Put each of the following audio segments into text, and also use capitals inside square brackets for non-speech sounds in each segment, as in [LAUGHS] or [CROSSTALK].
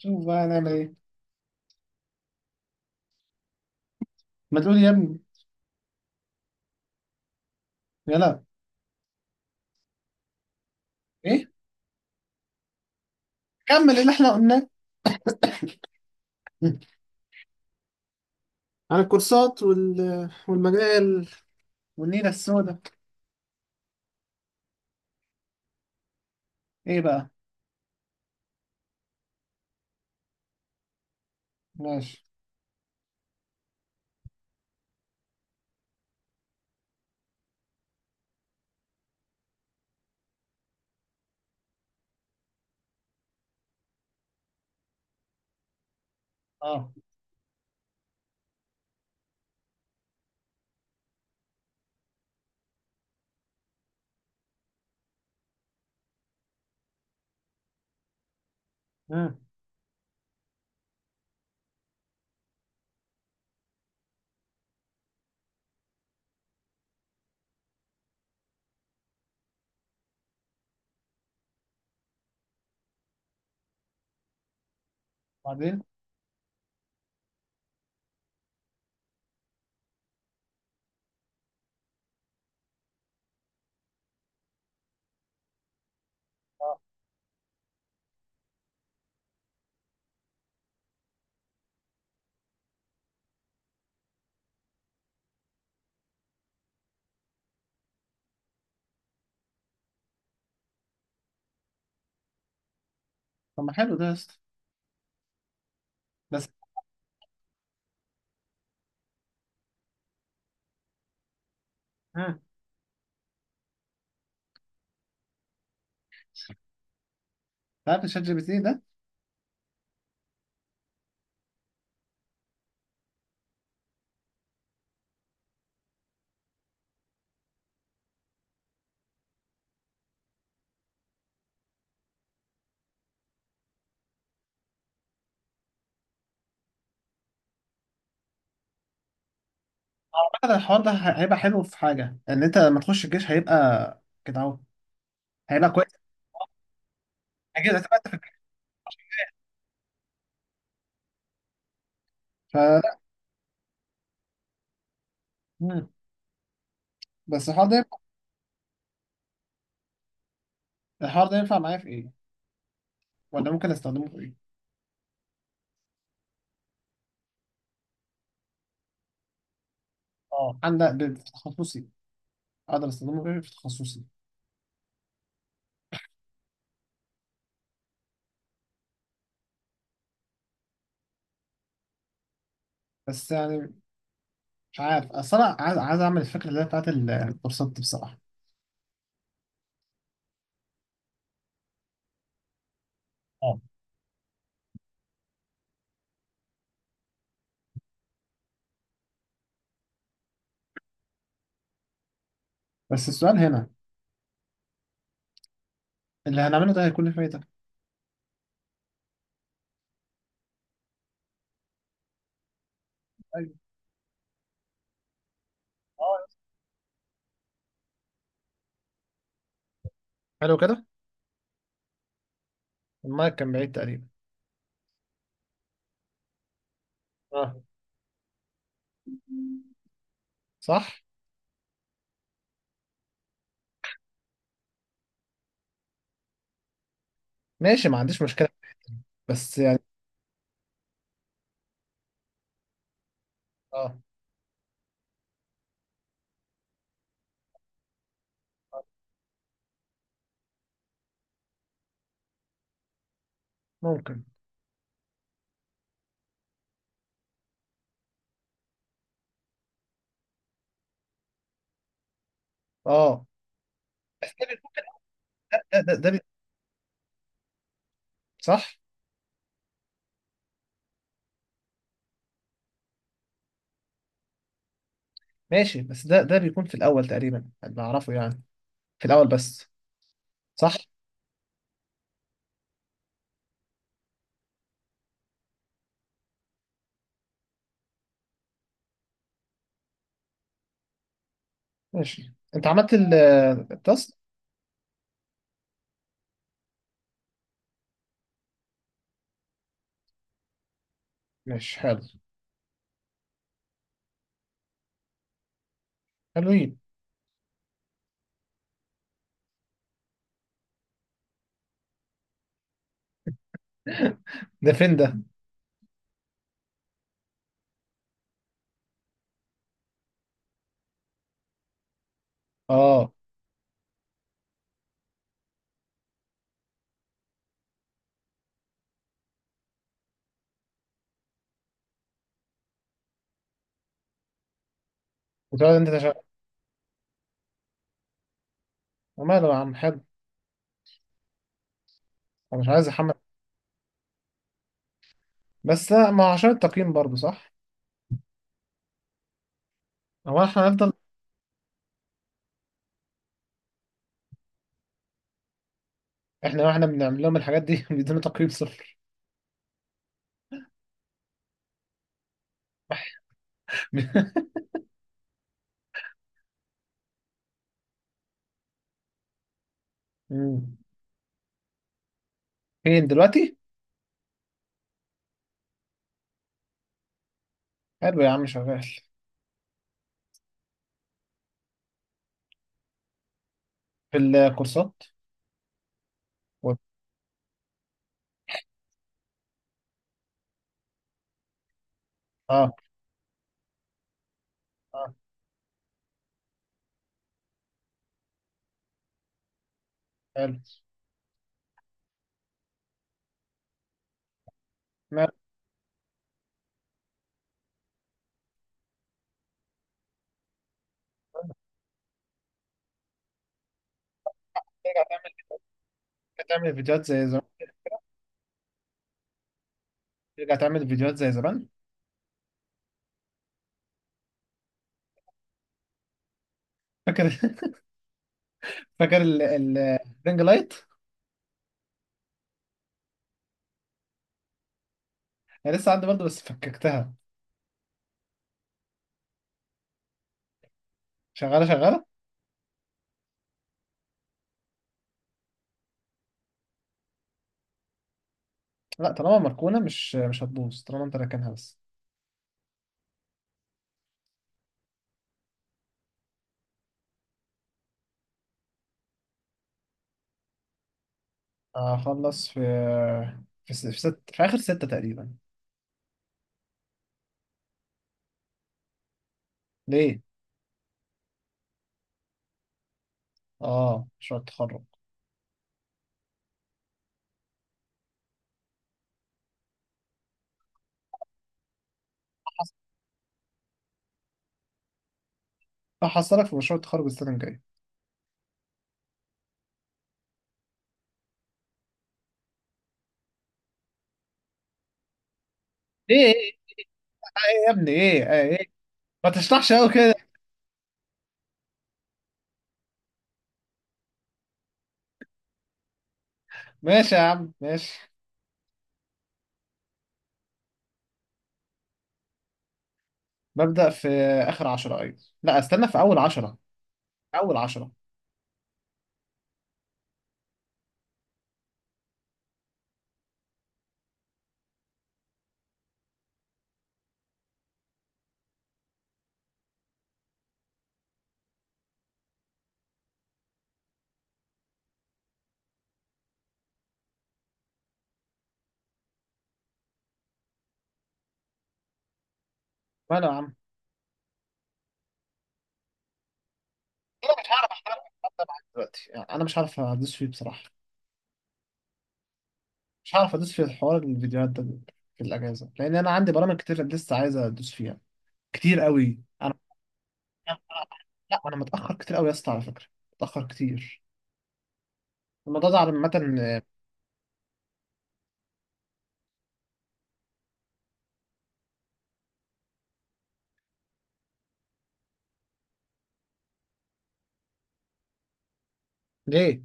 شوف بقى هنعمل ايه؟ ما تقول يا ابني. يلا. ايه. كمل اللي احنا قلناه. [LAUGHS] عن الكورسات والمجال والنيله السوداء. ايه بقى؟ ماشي. اه. ها. بعدين. طب ما حلو ده يا اسطى. بس. ها انت؟ عارف الشات جي بي تي ده؟ اعتقد الحوار ده هيبقى حلو في حاجه ان انت لما تخش الجيش هيبقى كده اهو. هيبقى كويس. اكيد هتبقى انت في الجيش. فلا. مم. بس الحوار ده الحوار ده ينفع معايا في ايه؟ ولا ممكن استخدمه في ايه؟ اه, عندك في تخصصي. اقدر استخدمه في إيه؟ في تخصصي. بس يعني. مش عارف, اصل انا عايز اعمل الفكره اللي هي بتاعت الكورسات دي بصراحه. اه. بس السؤال هنا, اللي هنعمله ده هيكون له فايده؟ ايوه. اه. حلو كده. المايك كان بعيد تقريبا. اه. صح. ماشي, ما عنديش مشكله. بس يعني. اه. ممكن. اه. بس ده بي- ده, ده, ده بي... صح. ماشي, بس ده بيكون في الاول تقريبا اللي اعرفه يعني. في الاول بس. صح. ماشي, انت عملت التاسك. ماشي. حلو. حلوين. [LAUGHS] ده فين ده؟ اه. وتقعد انت تشغل. ماله يا عم, حلو. انا مش عايز احمل. بس لا, ما هو عشان التقييم برضه صح. هو احنا هنفضل. احنا بنعمل لهم الحاجات دي. [LAUGHS] بيدونا تقييم صفر. [LAUGHS] مم. فين دلوقتي؟ حلو يا عم, شغال. في الكورسات و... اه اه. حلو. ما ترجع تعمل فيديوهات زي زمان. ترجع تعمل فيديوهات زي زمان. فاكر؟ [LAUGHS] فاكر الرينج لايت. انا لسه عندي برضه بس فككتها. شغاله شغاله. لا, طالما مركونه مش هتبوظ, طالما انت راكنها بس. هخلص في, في س- في ست في اخر ستة تقريبا. ليه؟ اه, مشروع التخرج. هحصلك في مشروع التخرج السنة الجاية. ايه ايه. ايه يا ابني, ايه ايه, إيه؟ ما تشرحش قوي كده. ماشي يا عم, ماشي. ببدأ في, آخر عشرة, أيوة. لا, استنى, في أول عشرة. أول عشرة. ماله يا عم. أنا مش هعرف أحضر معاك دلوقتي يعني. أنا مش هعرف أدوس فيه بصراحة. مش هعرف أدوس في الحوار الفيديوهات ده في الأجازة, لأن أنا عندي برامج كتير لسه عايز أدوس فيها. كتير قوي أنا. [LAUGHS] لا, أنا متأخر كتير قوي يا اسطى على فكرة. متأخر كتير. الموضوع ده عامة. ليه؟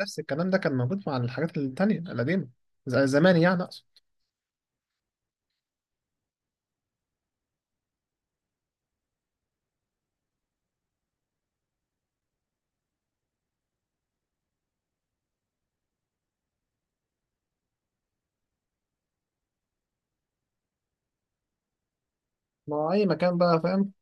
نفس الكلام ده كان موجود مع الحاجات التانية القديمة, زي زمان يعني أقصد. ما هو أي مكان بقى فاهم.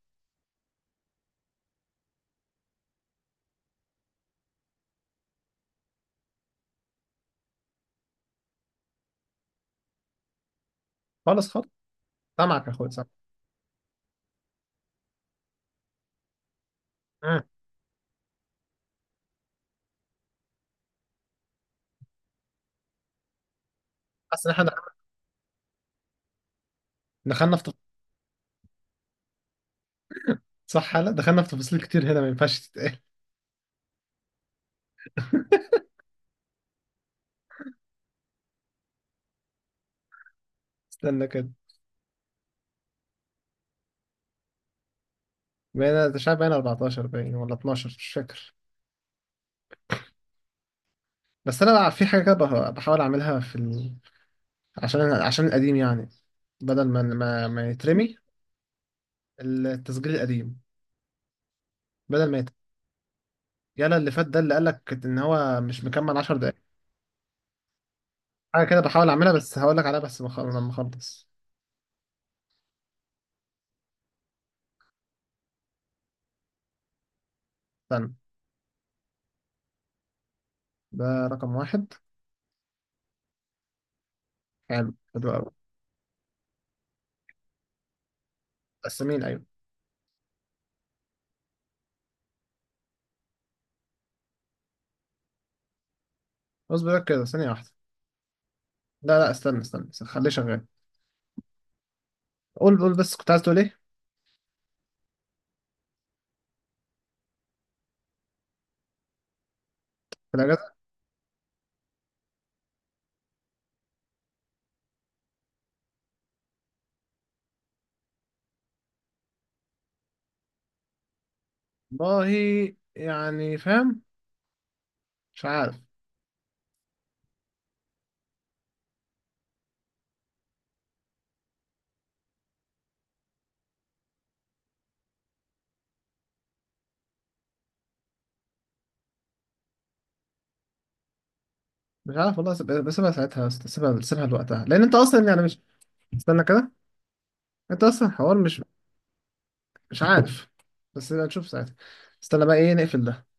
خالص خالص. سامعك يا أخويا, سامعك. مم. حاسس إن دخلنا في صح. لا, دخلنا في تفاصيل كتير هنا ما ينفعش تتقال. [LAUGHS] استنى كده. بقينا مش عارف, بقينا 14 باين ولا 12, مش فاكر. بس أنا بقى في حاجة كده بحاول أعملها في عشان القديم يعني. بدل ما يترمي, التسجيل القديم, بدل ما يترمي. يلا اللي فات ده اللي قالك إن هو مش مكمل 10 دقايق. حاجة كده بحاول أعملها, بس هقول لك عليها بس لما أخلص. استنى. ده. رقم واحد. حلو حلو أوي. قسمين أيوة. اصبر بقى كده, ثانية واحدة. لا لا, استنى استنى, استنى. خليه شغال. قول قول, بس كنت عايز تقول إيه؟ في الأجازة. والله. يعني فاهم. مش عارف. مش عارف والله, بسيبها ساعتها, بس بسيبها لوقتها, لأن أنت أصلا يعني مش. استنى كده. أنت أصلا حوار مش. مش عارف. بس نبقى نشوف ساعتها. استنى بقى إيه, نقفل ده؟